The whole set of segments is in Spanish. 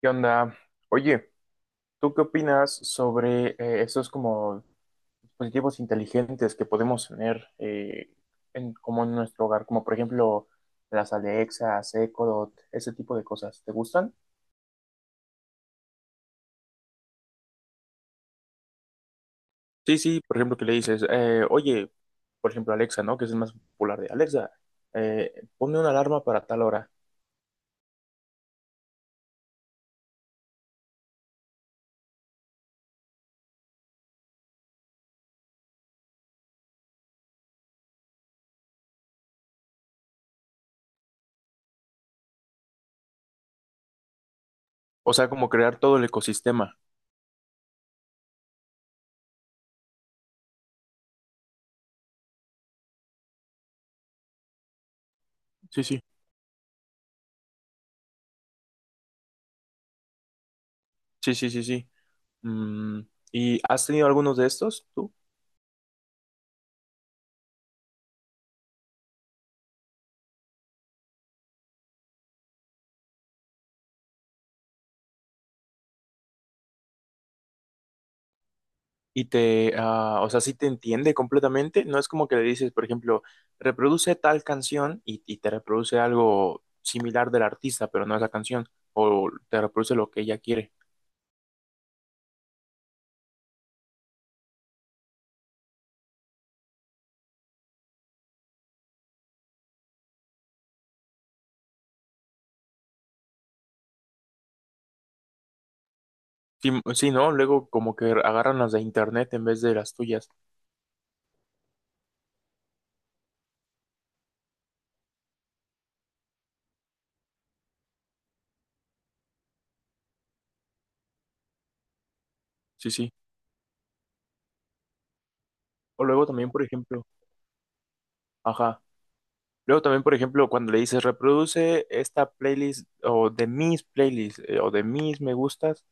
¿Qué onda? Oye, ¿tú qué opinas sobre esos como dispositivos inteligentes que podemos tener en, como en nuestro hogar? Como por ejemplo las Alexas, Echo Dot, ese tipo de cosas. ¿Te gustan? Sí, sí, por ejemplo, que le dices, oye, por ejemplo, Alexa, ¿no? Que es el más popular de Alexa, eh, ponme una alarma para tal hora. O sea, como crear todo el ecosistema. Sí, sí. Sí, sí, sí, sí. Mm, ¿Y has tenido algunos de estos tú? O sea, sí te entiende completamente. No es como que le dices, por ejemplo, reproduce tal canción y te reproduce algo similar del artista, pero no esa canción, o te reproduce lo que ella quiere. Sí, sí, ¿no? Luego como que agarran las de internet en vez de las tuyas. Sí, sí. O luego también, por ejemplo, ajá. Luego también, por ejemplo, cuando le dices, reproduce esta playlist o de mis playlists o de mis me gustas,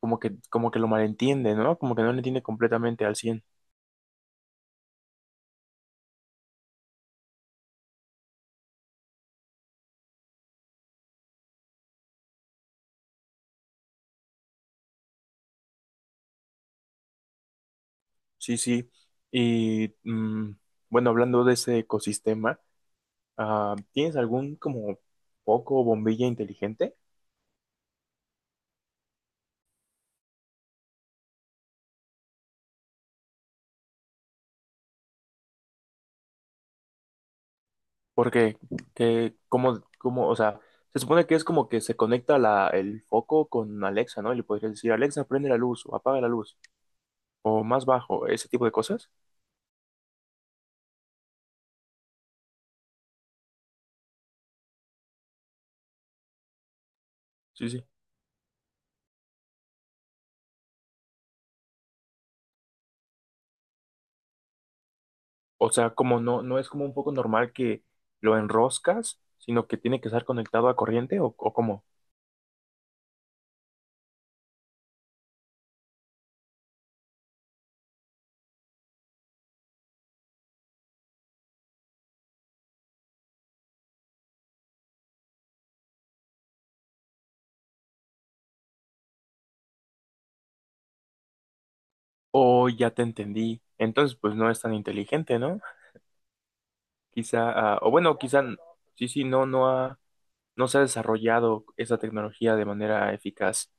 como que lo malentiende, ¿no? Como que no lo entiende completamente al cien. Sí, sí. Y bueno, hablando de ese ecosistema, ¿tienes algún como foco o bombilla inteligente? Porque, o sea, se supone que es como que se conecta el foco con Alexa, ¿no? Y le podrías decir, Alexa, prende la luz o apaga la luz o más bajo, ese tipo de cosas. Sí, sí. O sea, como no es como un foco normal que lo enroscas, sino que tiene que estar conectado a corriente o cómo. O ya te entendí. Entonces, pues no es tan inteligente, ¿no? Quizá, ah, o bueno, quizá, n- sí, sí, no se ha desarrollado esa tecnología de manera eficaz.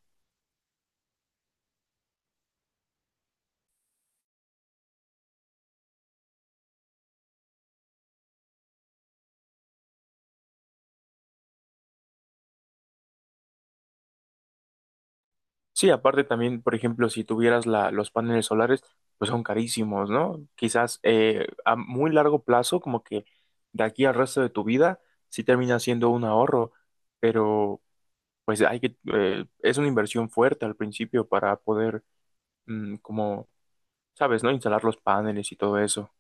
Sí, aparte también, por ejemplo, si tuvieras los paneles solares, pues son carísimos, ¿no? Quizás a muy largo plazo, como que de aquí al resto de tu vida, sí termina siendo un ahorro, pero pues es una inversión fuerte al principio para poder, mm, como, sabes, ¿no? Instalar los paneles y todo eso.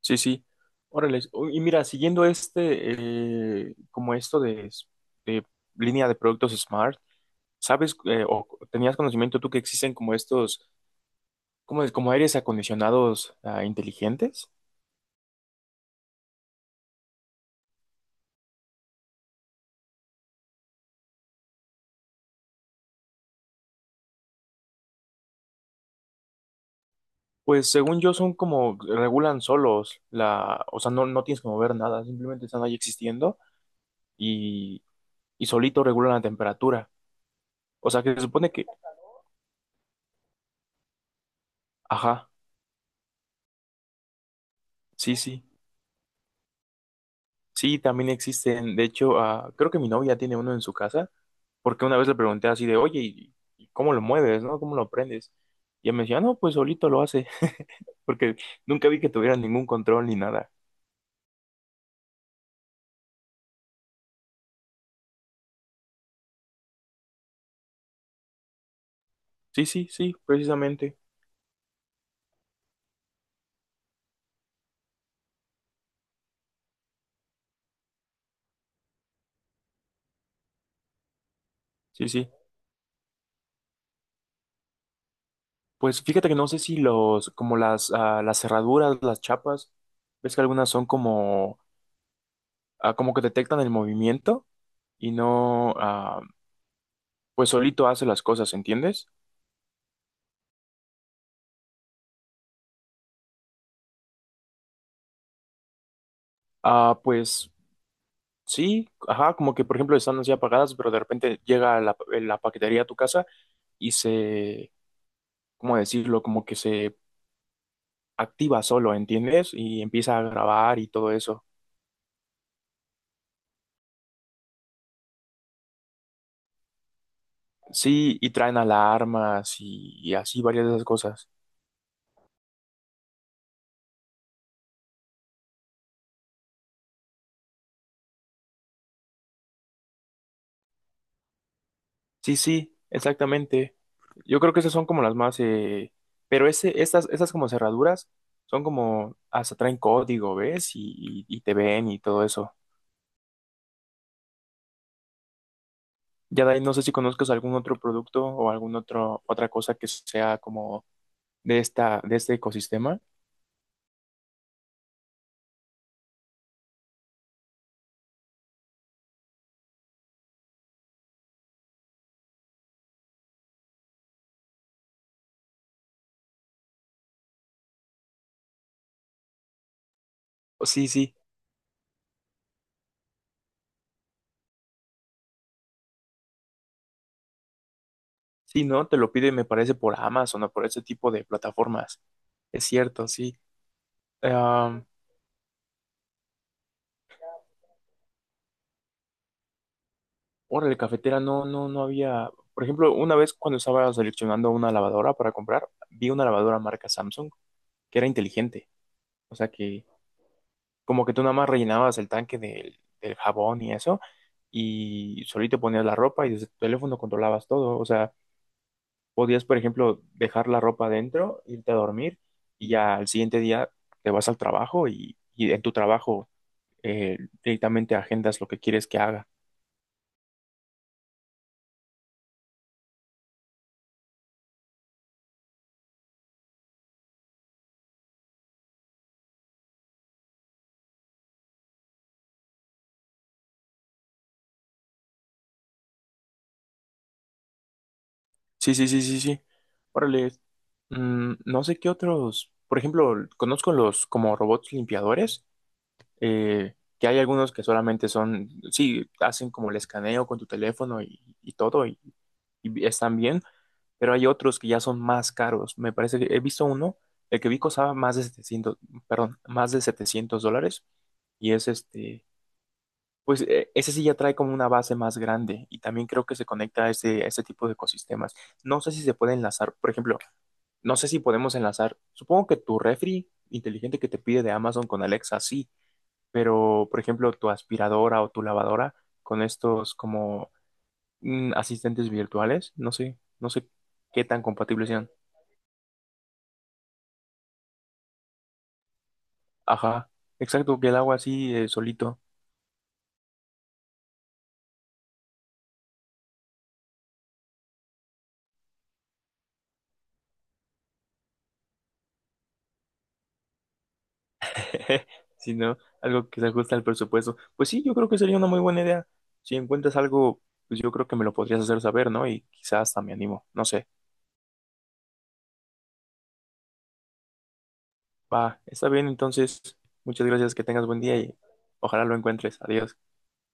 Sí, sí. Órale. Y mira, siguiendo este, como esto de línea de productos Smart, ¿sabes o tenías conocimiento tú que existen como estos, como, como aires acondicionados inteligentes? Pues según yo son como, regulan solos o sea, no tienes que mover nada, simplemente están ahí existiendo y, y solito regulan la temperatura. O sea, que se supone que, ajá, sí, sí. Sí, también existen. De hecho, creo que mi novia tiene uno en su casa, porque una vez le pregunté así de, oye, ¿y cómo lo mueves, no? ¿Cómo lo prendes? Y ella me decía, "Ah, no, pues solito lo hace, porque nunca vi que tuviera ningún control ni nada. Sí, sí, sí, precisamente. Sí, sí. Pues fíjate que no sé si los, como las, las cerraduras, las chapas, ves que algunas son como, como que detectan el movimiento y no, pues solito hace las cosas, ¿entiendes? Ah, pues. Sí, ajá, como que por ejemplo están así apagadas, pero de repente llega la paquetería a tu casa y se, ¿cómo decirlo? Como que se activa solo, ¿entiendes? Y empieza a grabar y todo eso. Sí, y traen alarmas y así varias de esas cosas. Sí, sí, exactamente. Yo creo que esas son como las más, pero estas como cerraduras son como, hasta traen código, ¿ves? Y te ven y todo eso. Ya de ahí no sé si conozcas algún otro producto o algún otro otra cosa que sea como de este ecosistema. O sí, sí, sí, no, te lo pide me parece por Amazon o por ese tipo de plataformas. Es cierto, sí. Ahora órale, cafetera, no, no, no había. Por ejemplo, una vez cuando estaba seleccionando una lavadora para comprar, vi una lavadora marca Samsung que era inteligente. O sea que como que tú nada más rellenabas el tanque del jabón y eso, y solito ponías la ropa y desde tu teléfono controlabas todo. O sea, podías, por ejemplo, dejar la ropa adentro, irte a dormir y ya al siguiente día te vas al trabajo y en tu trabajo eh, directamente agendas lo que quieres que haga. Sí, sí, sí, sí, sí. Órale. No sé qué otros, por ejemplo, conozco los como robots limpiadores, eh, que hay algunos que solamente son, sí, hacen como el escaneo con tu teléfono y todo y están bien, pero hay otros que ya son más caros. Me parece que he visto uno, el que vi costaba más de 700, perdón, más de $700 y es este, pues ese sí ya trae como una base más grande y también creo que se conecta a ese tipo de ecosistemas. No sé si se puede enlazar, por ejemplo, no sé si podemos enlazar, supongo que tu refri inteligente que te pide de Amazon con Alexa, sí, pero por ejemplo tu aspiradora o tu lavadora con estos como asistentes virtuales, no sé qué tan compatibles sean. Ajá, exacto, que el agua así solito, sino algo que se ajuste al presupuesto. Pues sí, yo creo que sería una muy buena idea. Si encuentras algo, pues yo creo que me lo podrías hacer saber, ¿no? Y quizás hasta me animo, no sé. Va, está bien, entonces, muchas gracias, que tengas buen día y ojalá lo encuentres. Adiós.